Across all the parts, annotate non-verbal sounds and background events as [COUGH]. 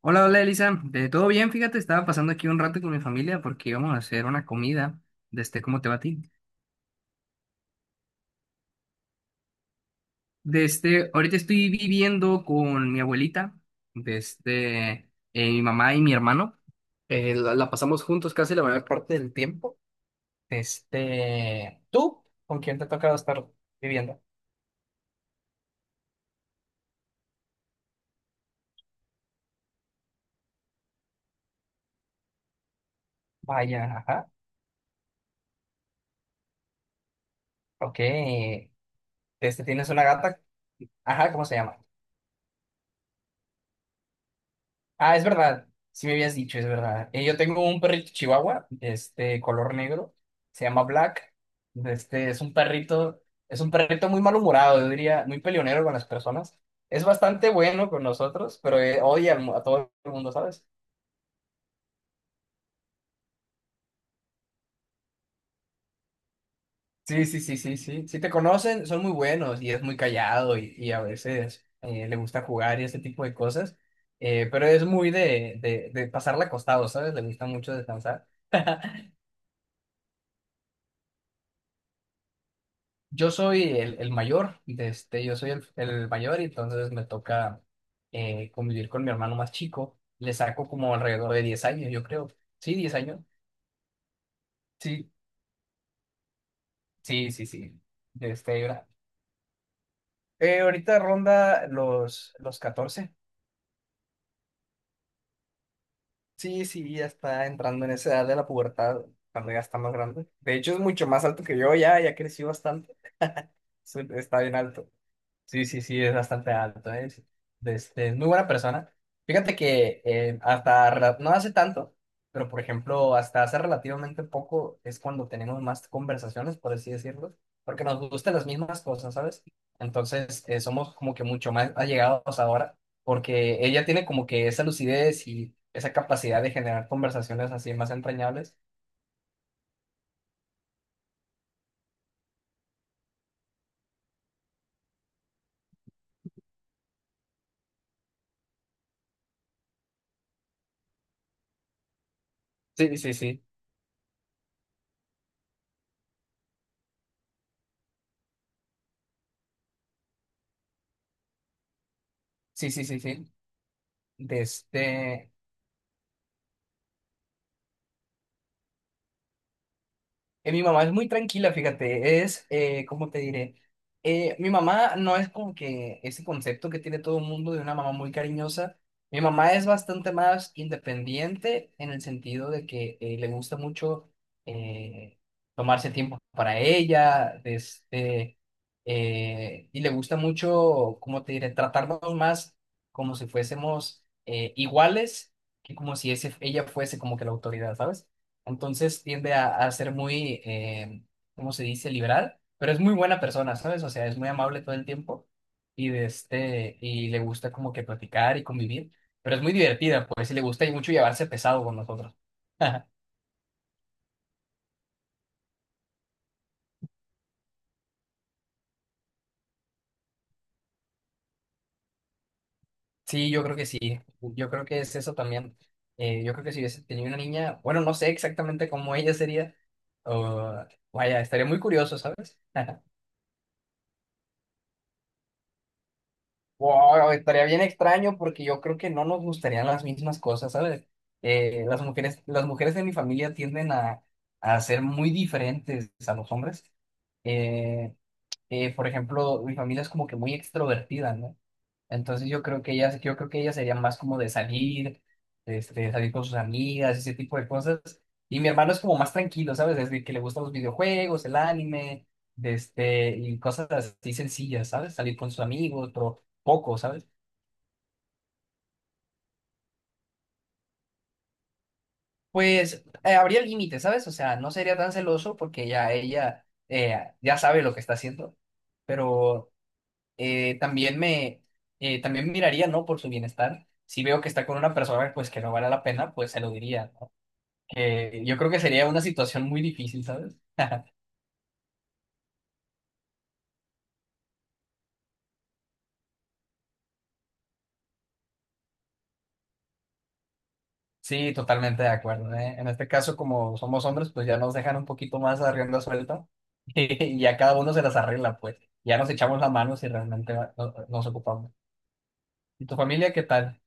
Hola, hola Elisa, ¿todo bien? Fíjate, estaba pasando aquí un rato con mi familia porque íbamos a hacer una comida. ¿Cómo te va a ti? Ahorita estoy viviendo con mi abuelita, desde mi mamá y mi hermano. La pasamos juntos casi la mayor parte del tiempo. ¿Tú con quién te ha tocado estar viviendo? Vaya, ajá, ok. ¿Tienes una gata? Ajá, ¿cómo se llama? Ah, es verdad. Sí me habías dicho, es verdad. Yo tengo un perrito chihuahua, color negro. Se llama Black. Este, es un perrito, es un perrito muy malhumorado, yo diría, muy peleonero con las personas. Es bastante bueno con nosotros, pero odia al a todo el mundo, ¿sabes? Sí, sí, sí, sí, sí. Si te conocen, son muy buenos y es muy callado y a veces le gusta jugar y ese tipo de cosas. Pero es muy de pasarla acostado, ¿sabes? Le gusta mucho descansar. [LAUGHS] Yo soy el mayor, yo soy el mayor y entonces me toca convivir con mi hermano más chico. Le saco como alrededor de 10 años, yo creo. Sí, 10 años. Sí, sí, sí, sí. De Este, ahora- Ahorita ronda los 14. Sí, sí, ya está entrando en esa edad de la pubertad, cuando ya está más grande. De hecho, es mucho más alto que yo ya, ya crecí bastante. Está bien alto. Sí, sí, sí, es bastante alto, ¿eh? Es muy buena persona. Fíjate que no hace tanto, pero por ejemplo, hasta hace relativamente poco es cuando tenemos más conversaciones, por así decirlo, porque nos gustan las mismas cosas, ¿sabes? Entonces, somos como que mucho más allegados ahora, porque ella tiene como que esa lucidez y esa capacidad de generar conversaciones así más entrañables. Sí, sí, sí. Sí, sí, sí, sí. Desde Mi mamá es muy tranquila, fíjate, ¿cómo te diré? Mi mamá no es como que ese concepto que tiene todo el mundo de una mamá muy cariñosa. Mi mamá es bastante más independiente en el sentido de que le gusta mucho eh, tomarse tiempo para ella, y le gusta mucho, ¿cómo te diré? Tratarnos más como si fuésemos iguales que como si ella fuese como que la autoridad, ¿sabes? Entonces tiende a ser muy, ¿cómo se dice? Liberal, pero es muy buena persona, ¿sabes? O sea, es muy amable todo el tiempo y, y le gusta como que platicar y convivir, pero es muy divertida, pues, y le gusta y mucho llevarse pesado con nosotros. [LAUGHS] Sí, yo creo que sí, yo creo que es eso también. Yo creo que si hubiese tenido una niña, bueno, no sé exactamente cómo ella sería, o- vaya, estaría muy curioso, ¿sabes? [LAUGHS] Wow, estaría bien extraño porque yo creo que no nos gustarían las mismas cosas, ¿sabes? Las mujeres de mi familia tienden a ser muy diferentes a los hombres. Eh, por ejemplo, mi familia es como que muy extrovertida, ¿no? Entonces yo creo que ella sería más como de salir, salir con sus amigas, ese tipo de cosas. Y mi hermano es como más tranquilo, ¿sabes? Desde que le gustan los videojuegos, el anime, y cosas así sencillas, ¿sabes? Salir con sus amigos, pero poco, ¿sabes? Pues habría límites, ¿sabes? O sea, no sería tan celoso porque ya ella ya sabe lo que está haciendo, pero eh, también me, también miraría, ¿no? Por su bienestar. Si veo que está con una persona, pues que no vale la pena, pues se lo diría. Que yo creo que sería una situación muy difícil, ¿sabes? Sí, totalmente de acuerdo, ¿eh? En este caso, como somos hombres, pues ya nos dejan un poquito más a rienda suelta [LAUGHS] y a cada uno se las arregla, pues. Ya nos echamos la mano si realmente nos ocupamos. ¿Y tu familia qué tal?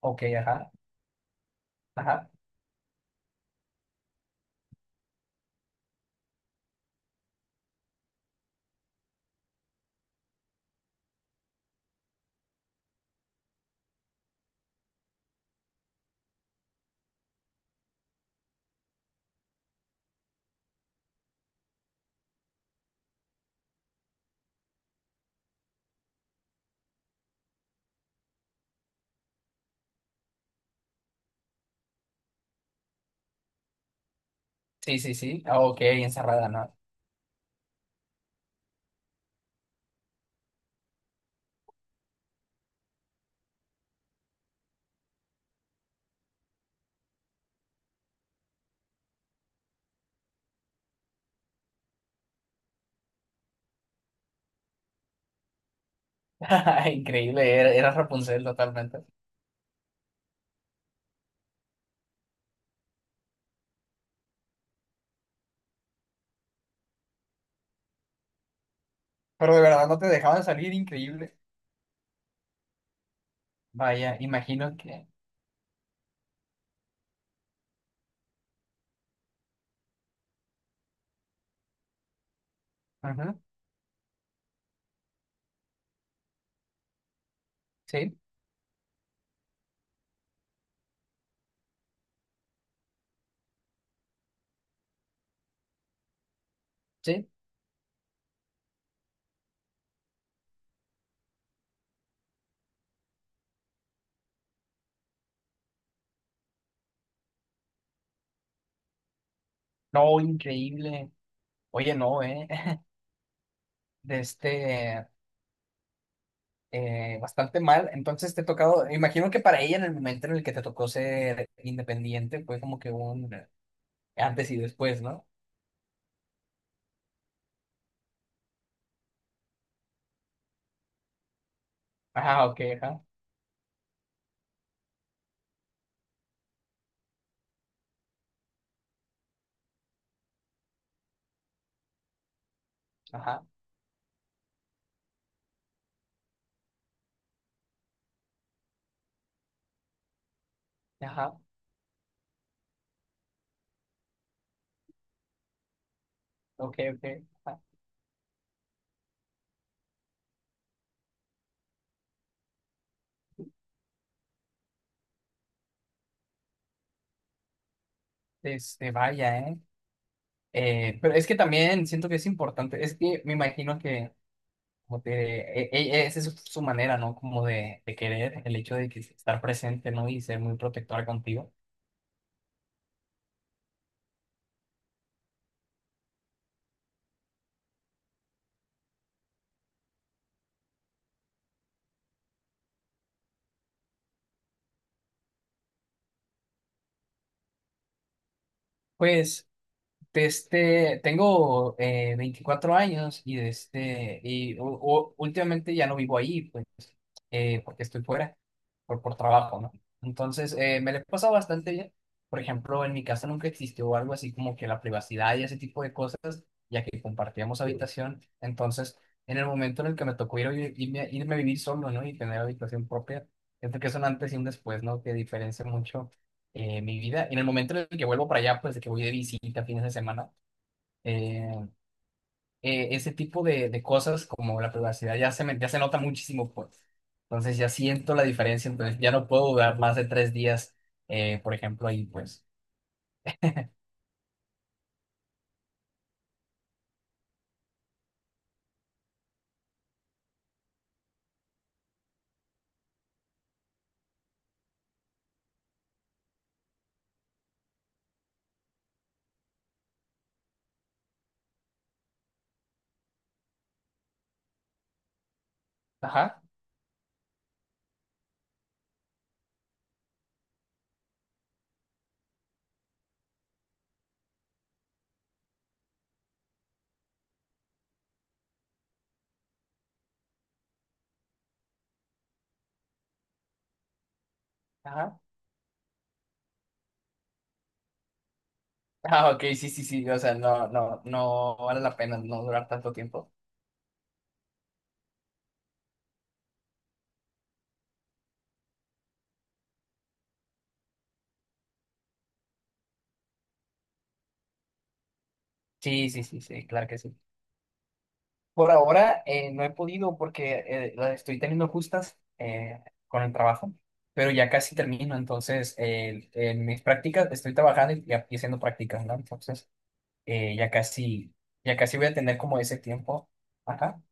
Ok, ajá, ajá. Sí, sí, sí. Ah, ok, encerrada, ¿no? [LAUGHS] Increíble, era Rapunzel totalmente. Pero de verdad no te dejaban salir, increíble. Vaya, imagino que... Ajá, sí, sí. No, increíble. Oye, no, ¿eh? de este, bastante mal. Entonces te ha tocado, imagino que para ella en el momento en el que te tocó ser independiente fue como que un antes y después, ¿no? Ajá, ok, ajá, ajá, ajá, ok, ok. Ajá. Vaya, ¿eh? Pero es que también siento que es importante, es que me imagino que como te, e- e- esa es su manera, ¿no? Como de querer el hecho de que estar presente, ¿no? Y ser muy protectora contigo. Pues... tengo 24 años y, de este, y u- u- últimamente ya no vivo ahí, pues, porque estoy fuera, por trabajo, ¿no? Entonces, me le he pasado bastante bien. Por ejemplo, en mi casa nunca existió algo así como que la privacidad y ese tipo de cosas, ya que compartíamos habitación. Entonces, en el momento en el que me tocó ir a vi- irme, irme a vivir solo, ¿no? Y tener habitación propia, siento que es un antes y un después, ¿no? Que diferencia mucho mi vida. En el momento en el que vuelvo para allá, pues de que voy de visita fines de semana, eh, ese tipo de cosas como la privacidad ya se nota muchísimo, pues. Entonces ya siento la diferencia, entonces ya no puedo durar más de 3 días, por ejemplo, ahí, pues. Ajá, ajá. Ah, ok, sí, sí, sí, o sea, no, no, no vale la pena no durar tanto tiempo. Sí, sí, sí, sí, claro que sí. Por ahora no he podido porque la estoy teniendo justas con el trabajo, pero ya casi termino. Entonces, en mis prácticas estoy trabajando y haciendo prácticas, ¿no? Entonces, eh, ya casi, ya casi voy a tener como ese tiempo. Ajá.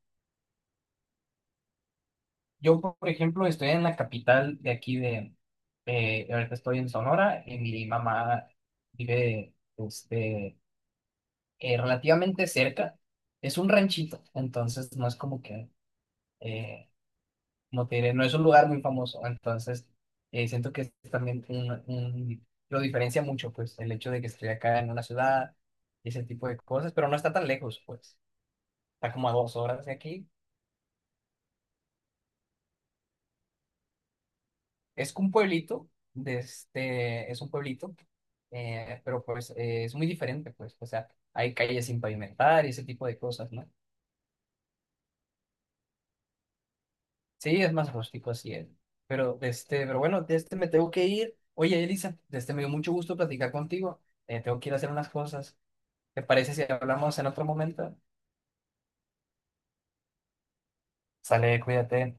Yo, por ejemplo, estoy en la capital de aquí de, ahorita estoy en Sonora y mi mamá vive relativamente cerca. Es un ranchito, entonces no es como que... eh, como te diré, no es un lugar muy famoso, entonces siento que es también lo diferencia mucho, pues, el hecho de que esté acá en una ciudad y ese tipo de cosas, pero no está tan lejos, pues, está como a 2 horas de aquí. Es un pueblito, es un pueblito, pero pues es muy diferente, pues, o sea, hay calles sin pavimentar y ese tipo de cosas, ¿no? Sí, es más rústico, así es. Pero, pero bueno, de este me tengo que ir. Oye, Elisa, de este me dio mucho gusto platicar contigo. Tengo que ir a hacer unas cosas. ¿Te parece si hablamos en otro momento? Sale, cuídate.